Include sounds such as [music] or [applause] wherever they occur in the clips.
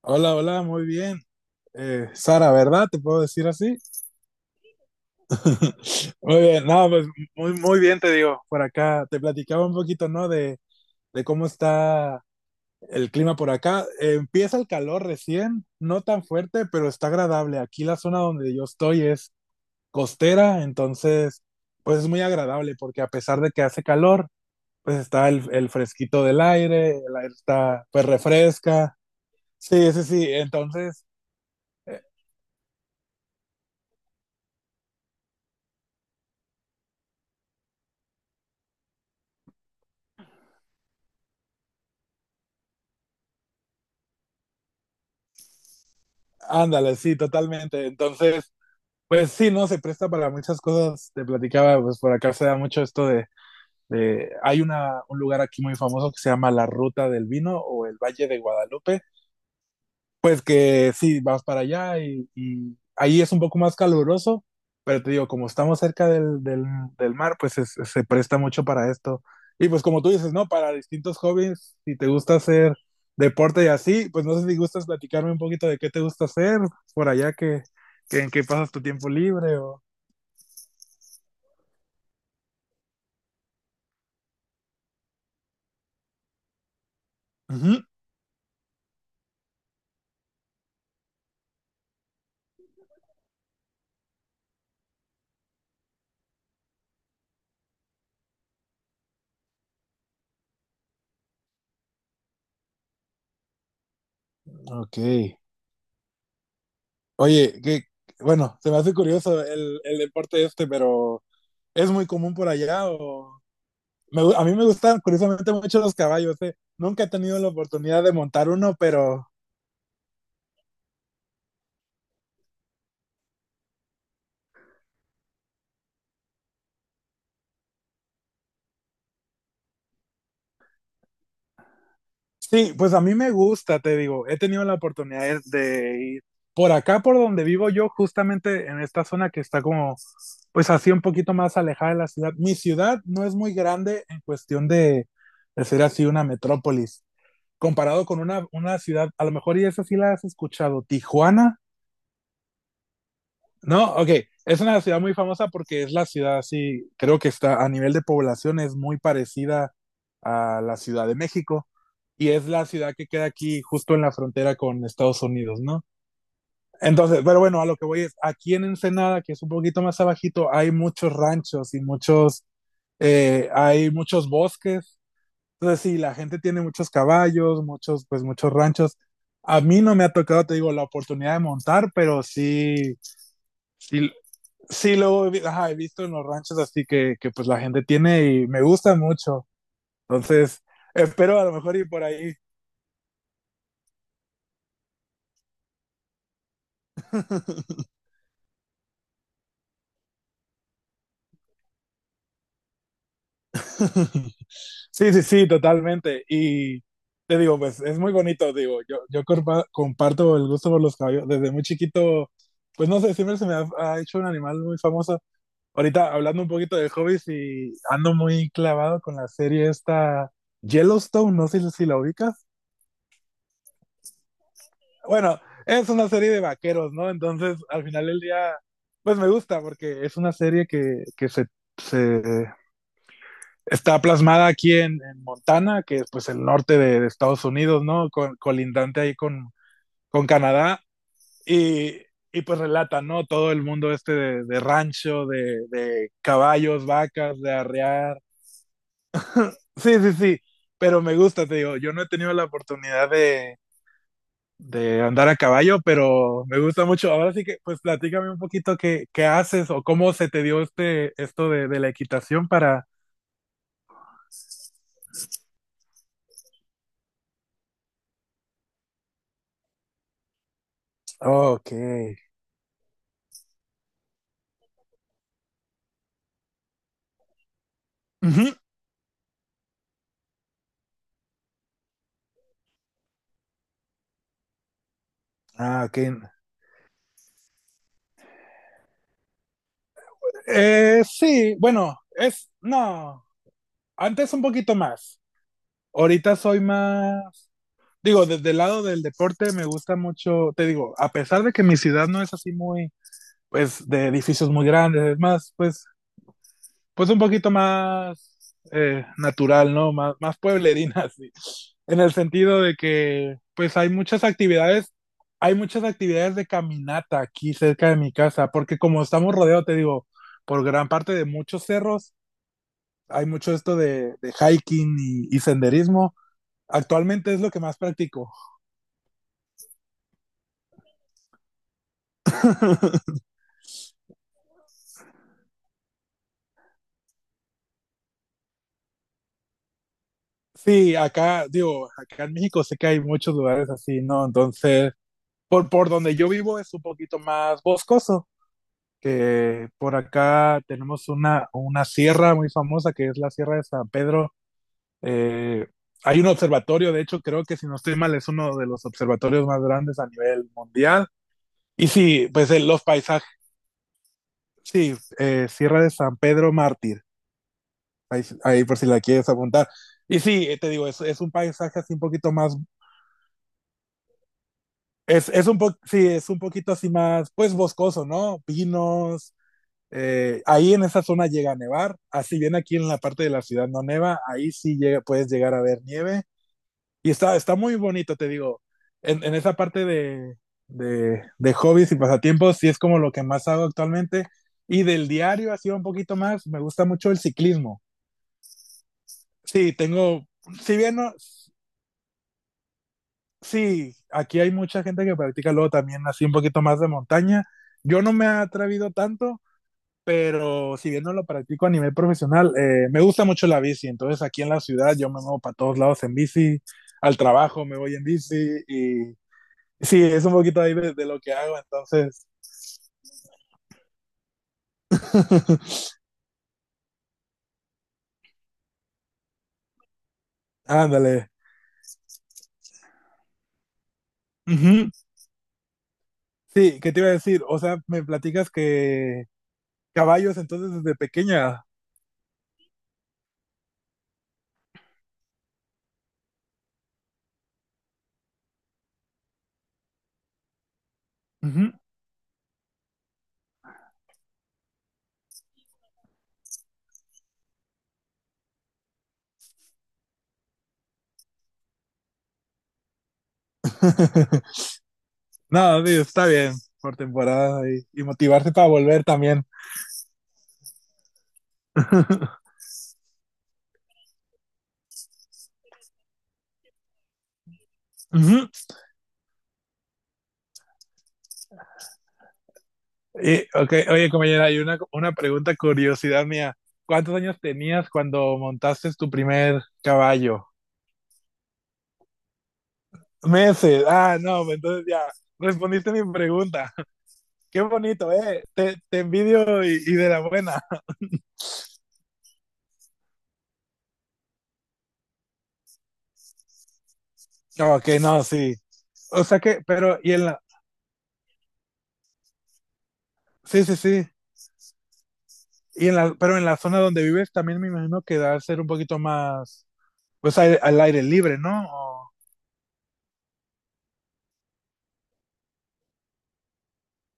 Hola, hola, muy bien. Sara, ¿verdad? ¿Te puedo decir así? [laughs] Muy bien, no, pues muy bien te digo. Por acá te platicaba un poquito, ¿no? De cómo está el clima por acá. Empieza el calor recién, no tan fuerte, pero está agradable. Aquí la zona donde yo estoy es costera, entonces, pues es muy agradable porque a pesar de que hace calor, pues está el fresquito del aire, el aire está, pues refresca. Sí, sí, sí, entonces... Ándale, sí, totalmente. Entonces, pues sí, no, se presta para muchas cosas. Te platicaba, pues por acá se da mucho esto de. Hay un lugar aquí muy famoso que se llama La Ruta del Vino o el Valle de Guadalupe, pues que sí, vas para allá y ahí es un poco más caluroso, pero te digo, como estamos cerca del mar, se presta mucho para esto. Y pues como tú dices, ¿no? Para distintos hobbies, si te gusta hacer deporte y así, pues no sé si gustas platicarme un poquito de qué te gusta hacer por allá, que en qué pasas tu tiempo libre o... Ujú, ok. Oye, que, bueno, se me hace curioso el deporte este, pero ¿es muy común por allá? O... A mí me gustan curiosamente mucho los caballos, eh. Nunca he tenido la oportunidad de montar uno, pero sí, pues a mí me gusta, te digo. He tenido la oportunidad de ir por acá, por donde vivo yo, justamente en esta zona que está como, pues así un poquito más alejada de la ciudad. Mi ciudad no es muy grande en cuestión de ser así una metrópolis. Comparado con una ciudad, a lo mejor y esa sí la has escuchado, Tijuana. No, ok, es una ciudad muy famosa porque es la ciudad, sí, creo que está a nivel de población es muy parecida a la Ciudad de México y es la ciudad que queda aquí justo en la frontera con Estados Unidos, ¿no? Entonces, pero bueno, a lo que voy es, aquí en Ensenada, que es un poquito más abajito, hay muchos ranchos y muchos, hay muchos bosques. Entonces sí, la gente tiene muchos caballos, muchos, pues muchos ranchos. A mí no me ha tocado, te digo, la oportunidad de montar, pero sí, sí, sí, ajá, he visto en los ranchos, así que pues la gente tiene y me gusta mucho. Entonces, espero a lo mejor ir por ahí. [laughs] Sí, sí, sí, totalmente. Y te digo, pues es muy bonito, digo, yo comparto el gusto por los caballos. Desde muy chiquito, pues no sé, siempre se me ha hecho un animal muy famoso. Ahorita hablando un poquito de hobbies y ando muy clavado con la serie esta Yellowstone, no sé si la ubicas. Bueno, es una serie de vaqueros, ¿no? Entonces, al final del día, pues me gusta porque es una serie que se está plasmada aquí en Montana, que es pues el norte de Estados Unidos, ¿no? Colindante ahí con Canadá. Y, y pues relata, ¿no? Todo el mundo este de rancho, de caballos, vacas, de arrear. Sí, sí, sí, pero me gusta, te digo, yo no he tenido la oportunidad de andar a caballo, pero me gusta mucho. Ahora sí que, pues platícame un poquito qué, qué haces o cómo se te dio este, esto de la equitación para... Ok. Ujú. Ah, ok. Sí, bueno, es, no, antes un poquito más. Ahorita soy más, digo, desde el lado del deporte me gusta mucho, te digo, a pesar de que mi ciudad no es así muy, pues, de edificios muy grandes, es más, pues, pues un poquito más natural, ¿no? Más, más pueblerina, [laughs] sí. En el sentido de que, pues hay muchas actividades de caminata aquí cerca de mi casa, porque como estamos rodeados, te digo, por gran parte de muchos cerros, hay mucho esto de hiking y senderismo. Actualmente es lo que más practico. [laughs] Sí, acá, digo, acá en México sé que hay muchos lugares así, ¿no? Entonces, por donde yo vivo es un poquito más boscoso, que por acá tenemos una sierra muy famosa que es la Sierra de San Pedro. Eh, hay un observatorio, de hecho creo que si no estoy mal es uno de los observatorios más grandes a nivel mundial. Y sí, pues los paisajes, sí, Sierra de San Pedro Mártir, ahí, ahí por si la quieres apuntar. Y sí, te digo, es un paisaje así un poquito más, es un po sí, es un poquito así más, pues boscoso, ¿no? Pinos. Ahí en esa zona llega a nevar, así bien aquí en la parte de la ciudad no neva, ahí sí llega, puedes llegar a ver nieve y está, está muy bonito, te digo, en esa parte de hobbies y pasatiempos sí es como lo que más hago actualmente y del diario así un poquito más, me gusta mucho el ciclismo. Sí, tengo, si bien no, sí, aquí hay mucha gente que practica luego también así un poquito más de montaña, yo no me he atrevido tanto, pero si bien no lo practico a nivel profesional, me gusta mucho la bici. Entonces aquí en la ciudad yo me muevo para todos lados en bici, al trabajo me voy en bici y sí, es un poquito ahí de lo que hago. Entonces, [laughs] ándale. Ujú. Sí, ¿qué te iba a decir? O sea, me platicas que caballos entonces desde pequeña. Ujú. [laughs] No, sí, está bien por temporada y motivarse para volver también. [laughs] Ujú. Y, okay, oye, compañera, hay una pregunta, curiosidad mía. ¿Cuántos años tenías cuando montaste tu primer caballo? Meses. Ah, no, entonces ya respondiste mi pregunta. [laughs] Qué bonito, ¿eh? Te envidio y de la buena. [laughs] Ok, no, sí. O sea que, pero, y en la, sí, sí, sí. Y en la, pero en la zona donde vives también me imagino que debe ser un poquito más, pues al, al aire libre, ¿no? O-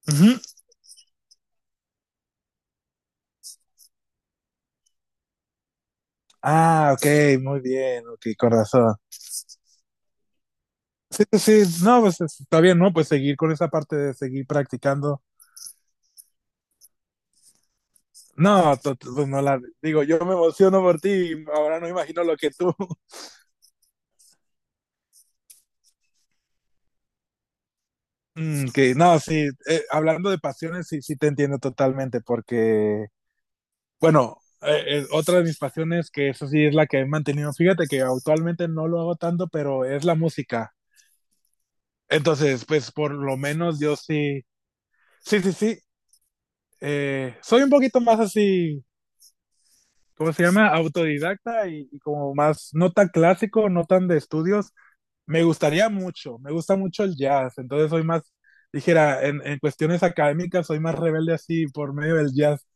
Ujú. Ah, ok, muy bien, ok, corazón. Sí, sí, sí, no, está bien, ¿no? Pues seguir con esa parte de seguir practicando. No, pues no la digo, yo me emociono por ti, y ahora no imagino lo que tú. [laughs] Mm, que no, sí, hablando de pasiones, sí, sí te entiendo totalmente, porque, bueno, otra de mis pasiones, que eso sí es la que he mantenido, fíjate que actualmente no lo hago tanto, pero es la música. Entonces, pues por lo menos yo sí, sí, sí, sí, soy un poquito más así ¿cómo se llama? Autodidacta y, como más, no tan clásico, no tan de estudios. Me gustaría mucho, me gusta mucho el jazz, entonces soy más, dijera, en cuestiones académicas soy más rebelde así por medio del jazz.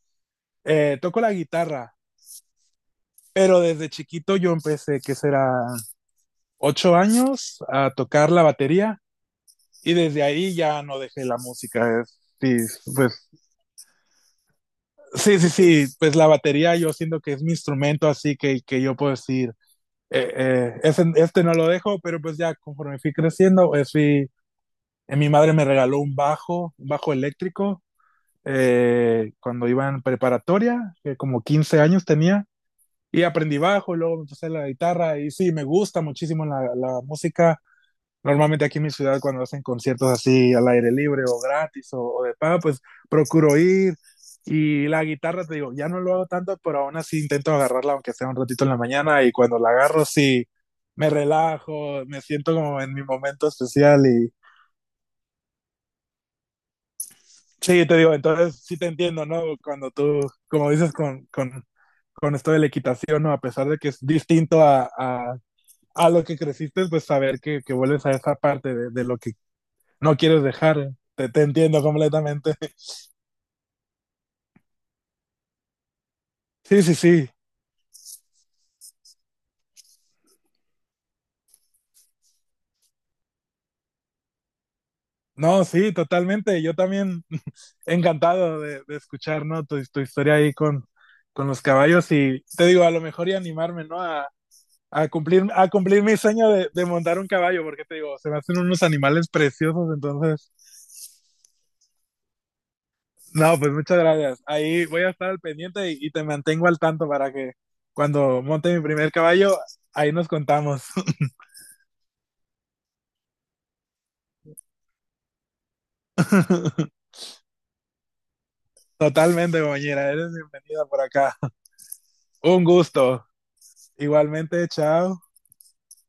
Toco la guitarra, pero desde chiquito yo empecé, que será 8 años, a tocar la batería y desde ahí ya no dejé la música. Es, sí, pues, sí, sí, sí, pues la batería yo siento que es mi instrumento, así que yo puedo decir, este no lo dejo, pero pues ya conforme fui creciendo, pues fui, mi madre me regaló un bajo eléctrico, cuando iba en preparatoria, que como 15 años tenía, y aprendí bajo, luego me empecé la guitarra, y sí, me gusta muchísimo la música. Normalmente aquí en mi ciudad cuando hacen conciertos así al aire libre o gratis o de pago, pues procuro ir. Y la guitarra, te digo, ya no lo hago tanto, pero aún así intento agarrarla aunque sea un ratito en la mañana y cuando la agarro sí me relajo, me siento como en mi momento especial y sí, te digo, entonces sí te entiendo, ¿no? Cuando tú, como dices con esto de la equitación, ¿no? A pesar de que es distinto a lo que creciste, pues saber que vuelves a esa parte de lo que no quieres dejar. Te entiendo completamente. [laughs] Sí, sí, sí. No, sí, totalmente. Yo también [laughs] encantado de escuchar, ¿no? Tu historia ahí con los caballos y te digo, a lo mejor y animarme, ¿no? A cumplir mi sueño de montar un caballo, porque te digo, se me hacen unos animales preciosos, entonces, no, pues muchas gracias. Ahí voy a estar al pendiente y te mantengo al tanto para que cuando monte mi primer caballo, ahí nos contamos. [laughs] Totalmente, compañera, eres bienvenida por acá. Un gusto. Igualmente, chao.